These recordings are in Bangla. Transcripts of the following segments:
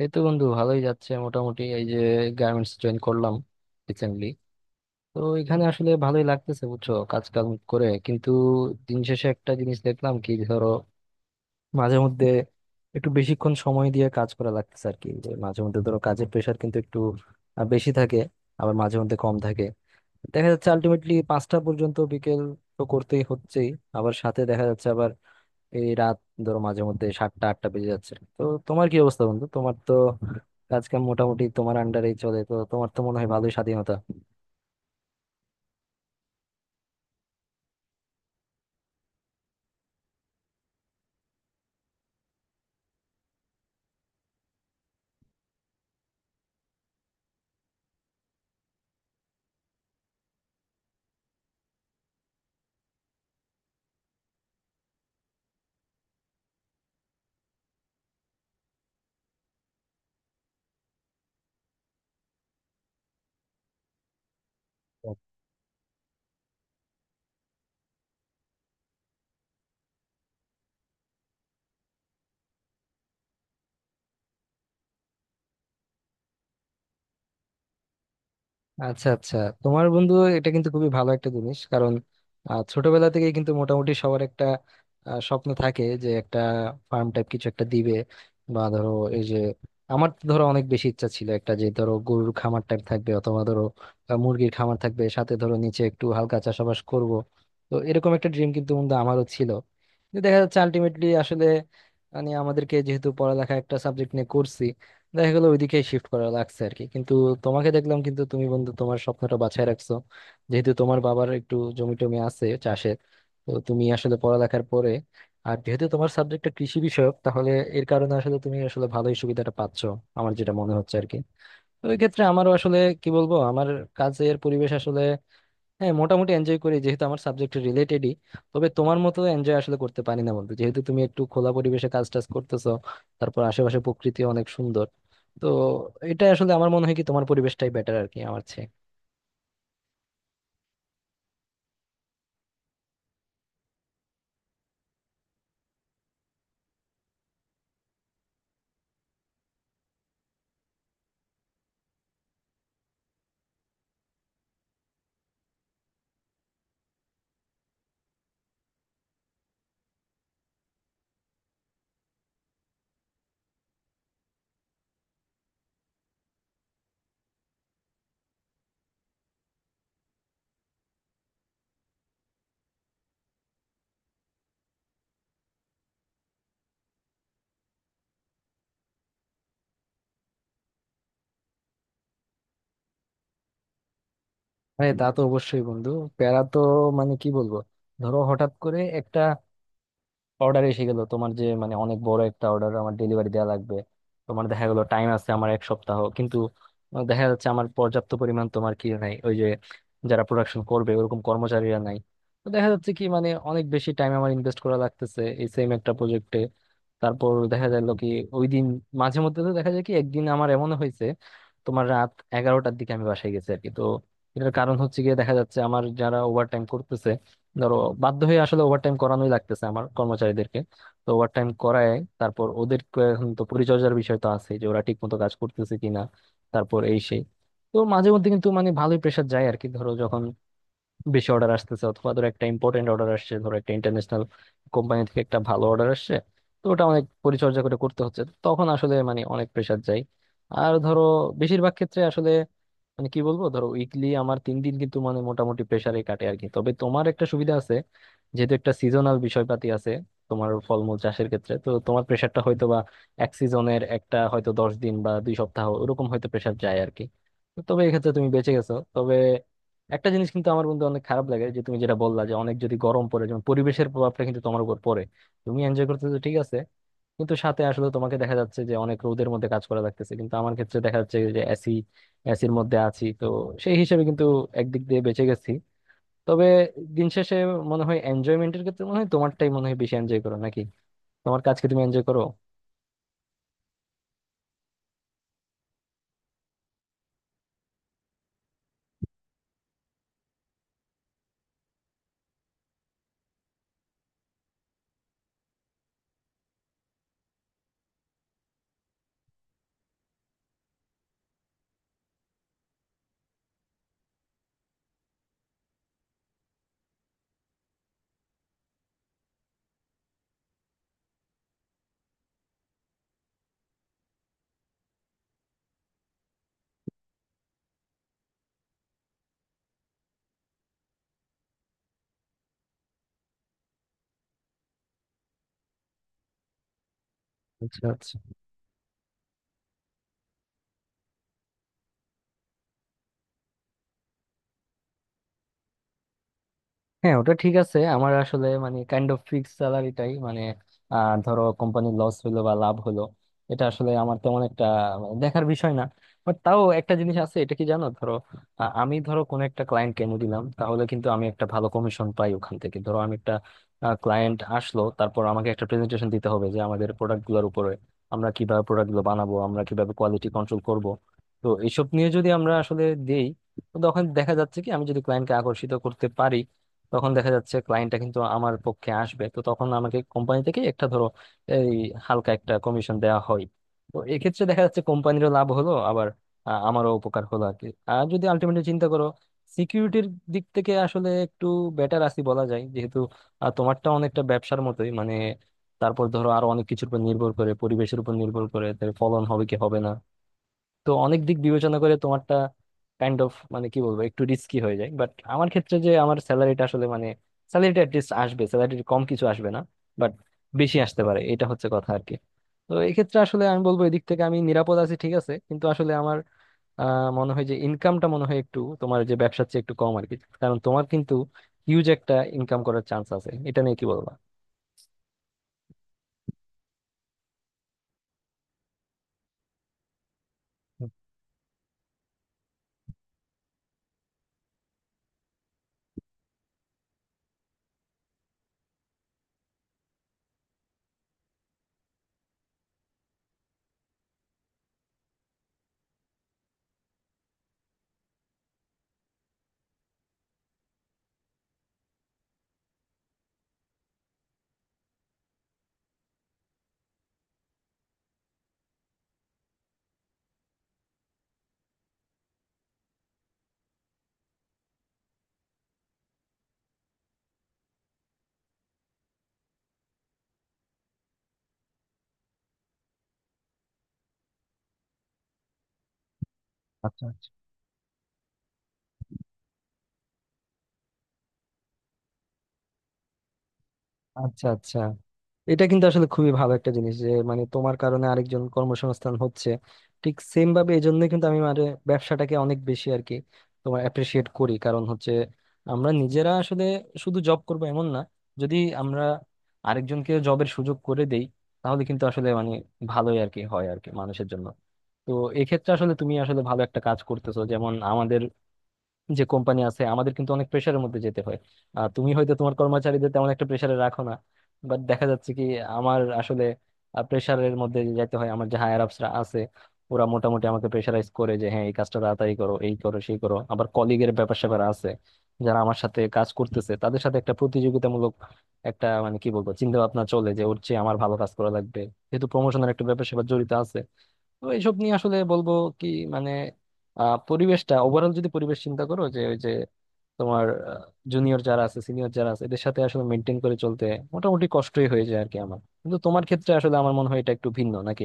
এই তো বন্ধু, ভালোই যাচ্ছে মোটামুটি। এই যে গার্মেন্টস জয়েন করলাম রিসেন্টলি। তো এখানে আসলে ভালোই লাগতেছে, বুঝছো, কাজ কাম করে, কিন্তু দিন শেষে একটা জিনিস দেখলাম কি, ধরো মাঝে মধ্যে একটু বেশিক্ষণ সময় দিয়ে কাজ করা লাগতেছে আর কি। যে মাঝে মধ্যে ধরো কাজের প্রেশার কিন্তু একটু বেশি থাকে, আবার মাঝে মধ্যে কম থাকে। দেখা যাচ্ছে আলটিমেটলি 5টা পর্যন্ত বিকেল তো করতেই হচ্ছেই, আবার সাথে দেখা যাচ্ছে আবার এই রাত, ধরো মাঝে মধ্যে 7টা 8টা বেজে যাচ্ছে। তো তোমার কি অবস্থা বন্ধু? তোমার তো কাজ কাম মোটামুটি তোমার আন্ডারেই চলে, তো তোমার তো মনে হয় ভালোই স্বাধীনতা। আচ্ছা আচ্ছা, তোমার বন্ধু এটা কিন্তু খুবই ভালো একটা জিনিস। কারণ ছোটবেলা থেকেই কিন্তু মোটামুটি সবার একটা স্বপ্ন থাকে যে একটা ফার্ম টাইপ কিছু একটা দিবে, বা ধরো এই যে, আমার তো ধরো অনেক বেশি ইচ্ছা ছিল একটা, যে ধরো গরুর খামার টাইপ থাকবে অথবা ধরো মুরগির খামার থাকবে, সাথে ধরো নিচে একটু হালকা চাষাবাস করব। তো এরকম একটা ড্রিম কিন্তু বন্ধু আমারও ছিল, কিন্তু দেখা যাচ্ছে আলটিমেটলি আসলে মানে আমাদেরকে, যেহেতু পড়ালেখা একটা সাবজেক্ট নিয়ে করছি, দেখা গেলো ওইদিকে শিফট করা লাগছে আর কি। কিন্তু তোমাকে দেখলাম কিন্তু, তুমি বন্ধু তোমার স্বপ্নটা বাঁচায় রাখছো। যেহেতু তোমার বাবার একটু জমি টমি আছে চাষের, তো তুমি আসলে পড়ালেখার পরে, আর যেহেতু তোমার সাবজেক্টটা কৃষি বিষয়ক, তাহলে এর কারণে আসলে তুমি আসলে ভালোই সুবিধাটা পাচ্ছো, আমার যেটা মনে হচ্ছে আর কি। তো ওই ক্ষেত্রে আমারও আসলে কি বলবো, আমার কাজের পরিবেশ আসলে হ্যাঁ মোটামুটি এনজয় করি, যেহেতু আমার সাবজেক্ট রিলেটেডই। তবে তোমার মতো এনজয় আসলে করতে পারি না বন্ধু, যেহেতু তুমি একটু খোলা পরিবেশে কাজ টাজ করতেছো, তারপর আশেপাশে প্রকৃতি অনেক সুন্দর। তো এটা আসলে আমার মনে হয় কি, তোমার পরিবেশটাই বেটার আর কি আমার চেয়ে। আরে তা তো অবশ্যই বন্ধু, প্যারা তো মানে কি বলবো, ধরো হঠাৎ করে একটা অর্ডার এসে গেল, তোমার যে মানে অনেক বড় একটা অর্ডার আমার ডেলিভারি দেওয়া লাগবে। তোমার দেখা গেলো টাইম আছে আমার 1 সপ্তাহ, কিন্তু দেখা যাচ্ছে আমার পর্যাপ্ত পরিমাণ তোমার কি নাই, ওই যে যারা প্রোডাকশন করবে ওরকম কর্মচারীরা নাই। তো দেখা যাচ্ছে কি, মানে অনেক বেশি টাইম আমার ইনভেস্ট করা লাগতেছে এই সেম একটা প্রজেক্টে। তারপর দেখা গেল কি, ওই দিন মাঝে মধ্যে তো দেখা যায় কি, একদিন আমার এমন হয়েছে তোমার রাত 11টার দিকে আমি বাসায় গেছি আর কি। তো এটার কারণ হচ্ছে, গিয়ে দেখা যাচ্ছে আমার যারা ওভার টাইম করতেছে, ধরো বাধ্য হয়ে আসলে ওভারটাইম করানোই লাগতেছে আমার কর্মচারীদেরকে। তো ওভারটাইম করায়, তারপর ওদের এখন তো পরিচর্যার বিষয় তো আছে যে ওরা ঠিক মতো কাজ করতেছে কিনা, তারপর এই সেই। তো মাঝে মধ্যে কিন্তু মানে ভালোই প্রেশার যায় আর কি, ধরো যখন বেশি অর্ডার আসতেছে, অথবা ধরো একটা ইম্পর্টেন্ট অর্ডার আসছে, ধরো একটা ইন্টারন্যাশনাল কোম্পানি থেকে একটা ভালো অর্ডার আসছে, তো ওটা অনেক পরিচর্যা করে করতে হচ্ছে, তখন আসলে মানে অনেক প্রেশার যায়। আর ধরো বেশিরভাগ ক্ষেত্রে আসলে মানে কি বলবো, ধরো উইকলি আমার 3 দিন কিন্তু মানে মোটামুটি প্রেসারে কাটে আর কি। তবে তোমার একটা সুবিধা আছে, যেহেতু একটা সিজনাল বিষয়পাতি আছে তোমার ফলমূল চাষের ক্ষেত্রে, তো তোমার প্রেসারটা হয়তো বা এক সিজনের একটা, হয়তো 10 দিন বা 2 সপ্তাহ ওরকম হয়তো প্রেসার যায় আর কি। তো তবে এক্ষেত্রে তুমি বেঁচে গেছো। তবে একটা জিনিস কিন্তু আমার বন্ধু অনেক খারাপ লাগে, যে তুমি যেটা বললা, যে অনেক যদি গরম পড়ে, যেমন পরিবেশের প্রভাবটা কিন্তু তোমার উপর পড়ে। তুমি এনজয় করতেছো ঠিক আছে, কিন্তু সাথে আসলে তোমাকে দেখা যাচ্ছে যে অনেক রোদের মধ্যে কাজ করা লাগতেছে, কিন্তু আমার ক্ষেত্রে দেখা যাচ্ছে যে এসি, এসির মধ্যে আছি তো, সেই হিসেবে কিন্তু একদিক দিয়ে বেঁচে গেছি। তবে দিন শেষে মনে হয় এনজয়মেন্টের ক্ষেত্রে মনে হয় তোমারটাই মনে হয় বেশি, এনজয় করো নাকি, তোমার কাজকে তুমি এনজয় করো? আচ্ছা আচ্ছা, হ্যাঁ ওটা ঠিক আছে। আমার আসলে মানে কাইন্ড অফ ফিক্স স্যালারিটাই মানে, ধরো কোম্পানি লস হলো বা লাভ হলো, এটা আসলে আমার তেমন একটা মানে দেখার বিষয় না। বাট তাও একটা জিনিস আছে, এটা কি জানো, ধরো আমি ধরো কোন একটা ক্লায়েন্ট কেনে দিলাম, তাহলে কিন্তু আমি একটা ভালো কমিশন পাই ওখান থেকে। ধরো আমি একটা ক্লায়েন্ট আসলো, তারপর আমাকে একটা প্রেজেন্টেশন দিতে হবে যে আমাদের প্রোডাক্টগুলোর উপরে, আমরা কিভাবে প্রোডাক্টগুলো বানাবো, আমরা কিভাবে কোয়ালিটি কন্ট্রোল করব। তো এইসব নিয়ে যদি আমরা আসলে দেই, তো তখন দেখা যাচ্ছে কি, আমি যদি ক্লায়েন্টকে আকর্ষিত করতে পারি, তখন দেখা যাচ্ছে ক্লায়েন্টটা কিন্তু আমার পক্ষে আসবে। তো তখন আমাকে কোম্পানি থেকে একটা ধরো এই হালকা একটা কমিশন দেওয়া হয়। তো এক্ষেত্রে দেখা যাচ্ছে কোম্পানিরও লাভ হলো, আবার আমারও উপকার হলো আর কি। আর যদি আলটিমেটলি চিন্তা করো সিকিউরিটির দিক থেকে, আসলে একটু বেটার আছি বলা যায়। যেহেতু তোমারটা অনেকটা ব্যবসার মতোই মানে, তারপর ধরো আরো অনেক কিছুর উপর নির্ভর করে, পরিবেশের উপর নির্ভর করে তার ফলন হবে কি হবে না। তো অনেক দিক বিবেচনা করে তোমারটা কাইন্ড অফ মানে কি বলবো, একটু রিস্কি হয়ে যায়। বাট আমার ক্ষেত্রে যে আমার স্যালারিটা আসলে মানে, স্যালারিটা অ্যাটলিস্ট আসবে, স্যালারির কম কিছু আসবে না। বাট বেশি আসতে পারে, এটা হচ্ছে কথা আর কি। তো এক্ষেত্রে আসলে আমি বলবো এদিক থেকে আমি নিরাপদ আছি ঠিক আছে, কিন্তু আসলে আমার আহ মনে হয় যে ইনকামটা মনে হয় একটু তোমার যে ব্যবসার চেয়ে একটু কম আর কি। কারণ তোমার কিন্তু হিউজ একটা ইনকাম করার চান্স আছে, এটা নিয়ে কি বলবো। আচ্ছা আচ্ছা। আচ্ছা আচ্ছা, এটা কিন্তু আসলে খুবই ভালো একটা জিনিস যে, মানে তোমার কারণে আরেকজন কর্মসংস্থান হচ্ছে। ঠিক সেম ভাবে এই জন্য কিন্তু আমি মানে ব্যবসাটাকে অনেক বেশি আর কি তোমার অ্যাপ্রিসিয়েট করি, কারণ হচ্ছে আমরা নিজেরা আসলে শুধু জব করব এমন না, যদি আমরা আরেকজনকে জবের সুযোগ করে দেই, তাহলে কিন্তু আসলে মানে ভালোই আর কি হয় আর কি মানুষের জন্য। তো এক্ষেত্রে আসলে তুমি আসলে ভালো একটা কাজ করতেছো। যেমন যে কোম্পানি আছে, আমাদের কিন্তু অনেক প্রেশারের মধ্যে যেতে হয়, আর তুমি হয়তো তোমার কর্মচারীদের তেমন একটা প্রেশারে রাখো না। বাট দেখা যাচ্ছে কি, আমার আসলে প্রেশারের মধ্যে যেতে হয়। আমার যে হায়ার আপসরা আছে, ওরা মোটামুটি আমাকে প্রেশারাইজ করে যে হ্যাঁ এই কাজটা তাড়াতাড়ি করো, এই করো সেই করো। আবার কলিগের ব্যাপার স্যাপার আছে, যারা আমার সাথে কাজ করতেছে তাদের সাথে একটা প্রতিযোগিতামূলক একটা মানে কি বলবো চিন্তা ভাবনা চলে, যে ওর চেয়ে আমার ভালো কাজ করা লাগবে, যেহেতু প্রমোশনের একটা ব্যাপার স্যাপার জড়িত আছে। তো এইসব নিয়ে আসলে বলবো কি মানে, পরিবেশটা ওভারঅল যদি পরিবেশ চিন্তা করো, যে ওই যে তোমার জুনিয়র যারা আছে সিনিয়র যারা আছে এদের সাথে আসলে মেনটেন করে চলতে মোটামুটি কষ্টই হয়ে যায় আর কি আমার। কিন্তু তোমার ক্ষেত্রে আসলে আমার মনে হয় এটা একটু ভিন্ন নাকি?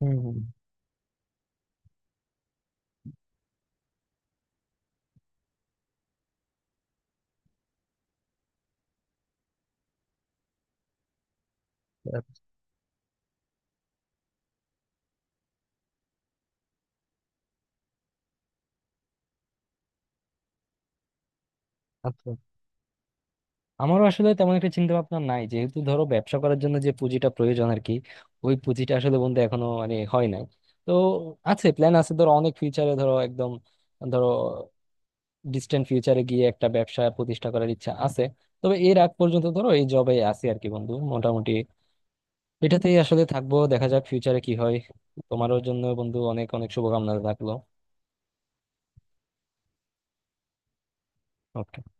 হুম হুম। আচ্ছা আচ্ছা, আমারও আসলে তেমন একটা চিন্তা ভাবনা নাই, যেহেতু ধরো ব্যবসা করার জন্য যে পুঁজিটা প্রয়োজন আর কি, ওই পুঁজিটা আসলে বন্ধু এখনো মানে হয় নাই। তো আছে, প্ল্যান আছে ধরো অনেক ফিউচারে, ধরো একদম ধরো ডিস্টেন্ট ফিউচারে গিয়ে একটা ব্যবসা প্রতিষ্ঠা করার ইচ্ছা আছে। তবে এর আগ পর্যন্ত ধরো এই জবে আছি আর কি বন্ধু, মোটামুটি এটাতেই আসলে থাকবো, দেখা যাক ফিউচারে কি হয়। তোমারও জন্য বন্ধু অনেক অনেক শুভকামনা থাকলো। Okay.